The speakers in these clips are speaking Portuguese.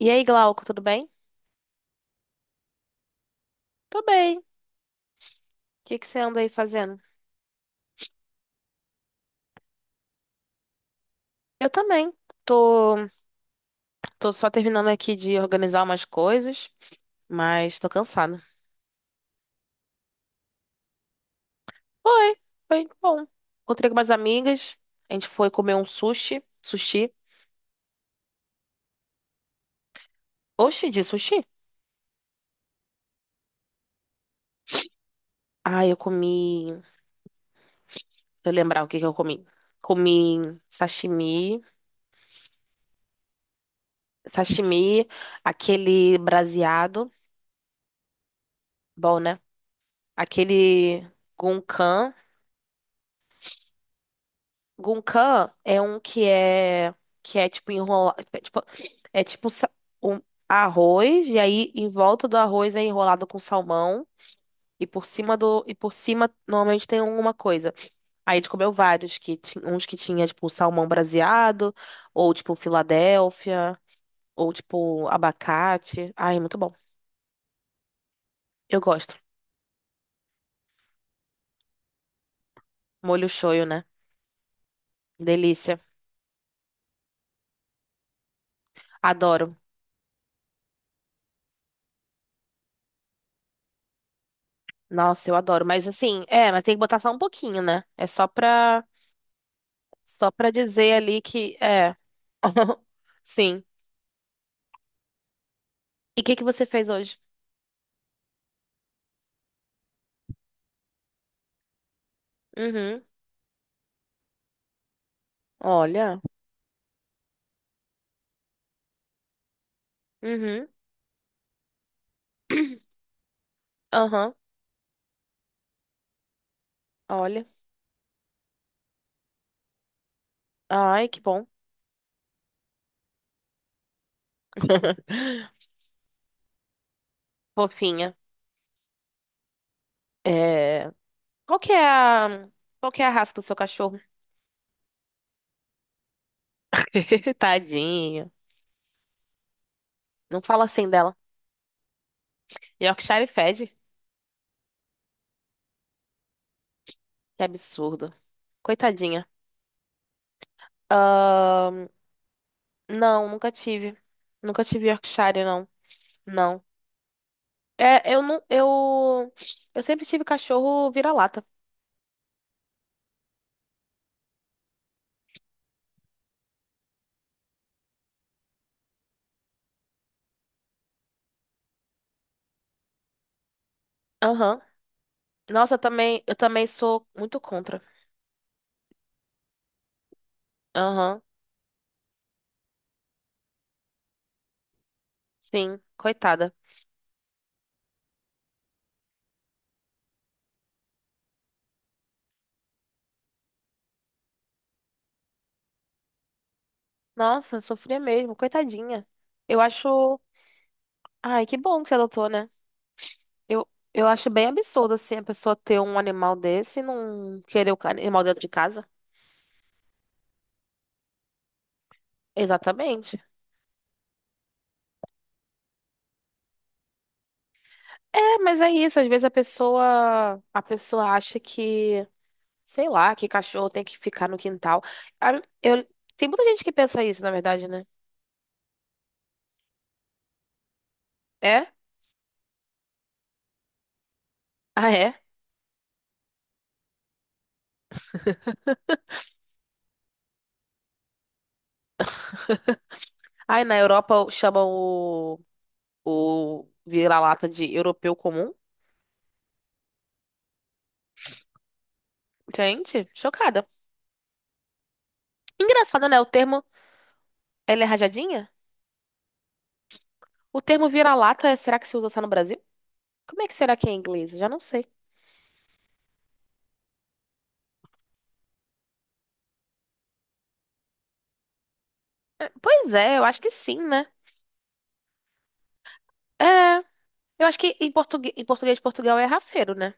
E aí, Glauco, tudo bem? Tô bem. O que que você anda aí fazendo? Eu também. Tô, tô só terminando aqui de organizar umas coisas, mas tô cansada. Foi, foi bom. Encontrei com umas amigas, a gente foi comer um sushi. Sushi. Oxi, de sushi? Ah, eu comi. Deixa eu lembrar o que que eu comi. Comi sashimi, sashimi, aquele braseado, bom, né? Aquele gunkan. Gunkan é um que é tipo enrolado, é tipo, é tipo sa- um arroz e aí em volta do arroz é enrolado com salmão e por cima do e por cima normalmente tem alguma coisa. Aí a gente comeu vários uns que tinha tipo salmão braseado ou tipo Filadélfia ou tipo abacate. Ai, muito bom. Eu gosto. Molho shoyu, né? Delícia. Adoro. Nossa, eu adoro. Mas assim, é, mas tem que botar só um pouquinho, né? Só pra dizer ali que é. Sim. E o que que você fez hoje? Uhum. Olha. Uhum. Aham. Olha. Ai, que bom. Fofinha. É... Qual que é a... Qual que é a raça do seu cachorro? Tadinha. Não fala assim dela. Yorkshire fed. Que absurdo. Coitadinha. Ahn, Não, nunca tive. Nunca tive Yorkshire, não. Não. É, eu não... Eu... Eu sempre tive cachorro vira-lata. Aham. Nossa, eu também sou muito contra. Aham, sim, coitada. Nossa, sofria mesmo, coitadinha. Eu acho. Ai, que bom que você adotou, né? Eu, eu acho bem absurdo, assim, a pessoa ter um animal desse e não querer animal dentro de casa. Exatamente. É, mas é isso. Às vezes a pessoa acha que, sei lá, que cachorro tem que ficar no quintal. Ah, Eu, tem muita gente que pensa isso, na verdade, né? É? Ah, é? Ai, na Europa chamam o vira-lata de europeu comum. Gente, chocada. Engraçado, né? O termo, ela é rajadinha? O termo vira-lata, será que se usa só no Brasil? Como é que será que é em inglês? Já não sei. Pois é, eu acho que sim, né? É, eu acho que em português de Portugal é rafeiro, né?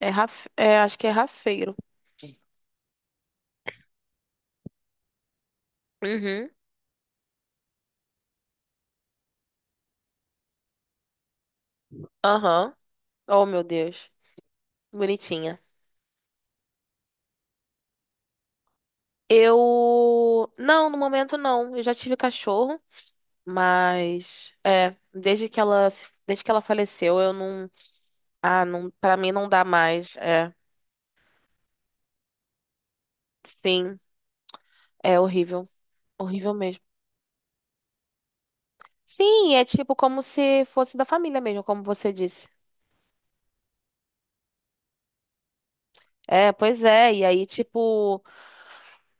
É, acho que é rafeiro. Uhum, aham. Oh, meu Deus. Bonitinha. Não, no momento não. Eu já tive cachorro, mas... É, desde que ela faleceu, eu não... Ah, não, para mim não dá mais. É, sim, é horrível, horrível mesmo. Sim, é tipo como se fosse da família mesmo, como você disse. É, pois é. E aí, tipo,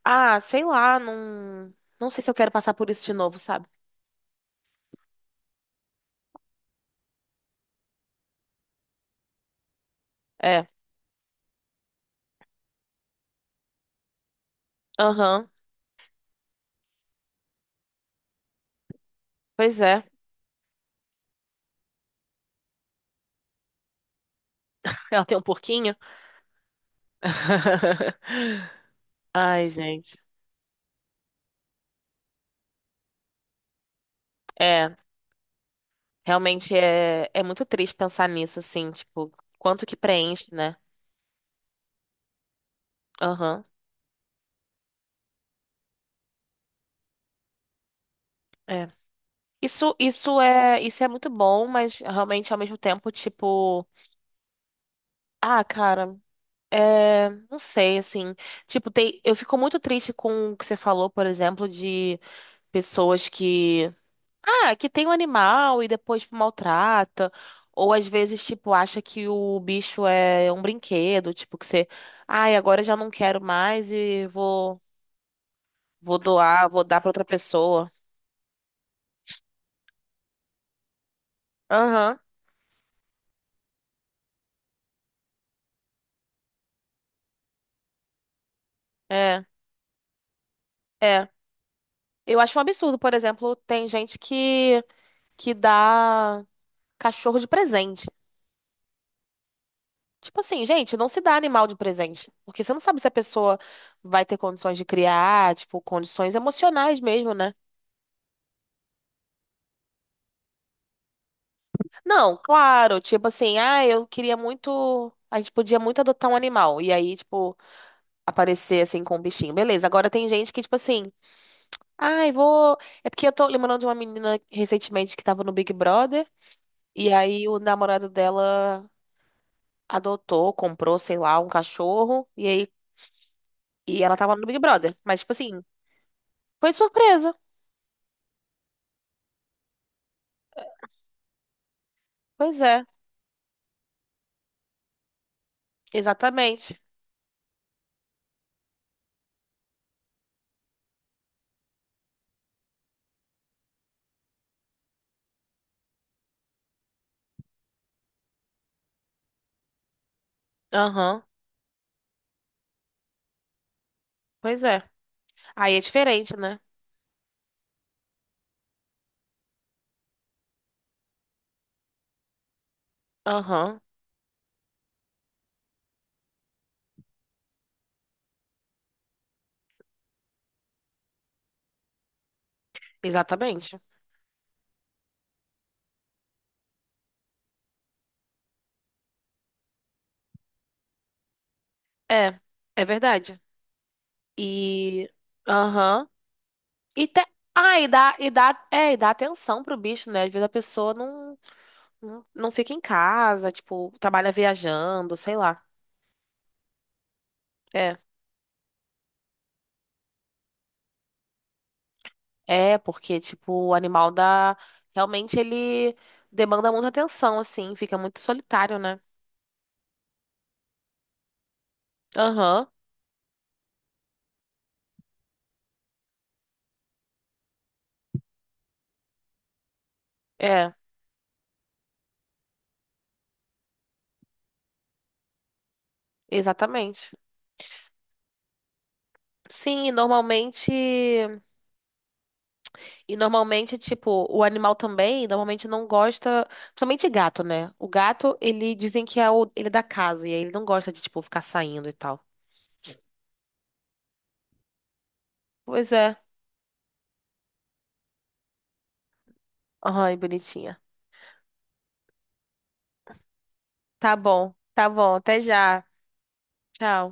ah, sei lá, não, não sei se eu quero passar por isso de novo, sabe? É, aham, pois é. Ela tem um porquinho. Ai, gente. É, realmente é, é muito triste pensar nisso, assim, tipo, quanto que preenche, né? Aham. É. Isso, isso é muito bom, mas realmente ao mesmo tempo, tipo, ah, cara, é, não sei, assim, tipo, tem, eu fico muito triste com o que você falou, por exemplo, de pessoas que, ah, que tem um animal e depois tipo, maltrata, ou às vezes, tipo, acha que o bicho é um brinquedo, tipo, que você, ai, agora eu já não quero mais e vou, vou doar, vou dar pra outra pessoa. Aham, é, é. Eu acho um absurdo, por exemplo, tem gente que dá cachorro de presente. Tipo assim, gente, não se dá animal de presente. Porque você não sabe se a pessoa vai ter condições de criar, tipo, condições emocionais mesmo, né? Não, claro, tipo assim, ah, eu queria muito. A gente podia muito adotar um animal. E aí, tipo, aparecer assim com um bichinho. Beleza, agora tem gente que, tipo assim, ai, vou. É porque eu tô lembrando de uma menina recentemente que tava no Big Brother. E aí o namorado dela adotou, comprou, sei lá, um cachorro. E ela tava no Big Brother. Mas, tipo assim, foi surpresa. Pois é, exatamente. Aham, pois é. Aí é diferente, né? Aham, exatamente. É, é verdade. E. Aham. E te... Ah, e dá atenção pro bicho, né? Às vezes a pessoa não, não fica em casa, tipo, trabalha viajando, sei lá. É. É, porque, tipo, o animal dá. Realmente ele demanda muita atenção, assim, fica muito solitário, né? Aham. É. Exatamente. Sim, e normalmente. E normalmente, tipo, o animal também, normalmente não gosta. Principalmente gato, né? O gato, ele dizem que é o, ele é da casa, e aí ele não gosta de, tipo, ficar saindo e tal. Pois é. Ai, bonitinha. Tá bom, tá bom. Até já. Tchau.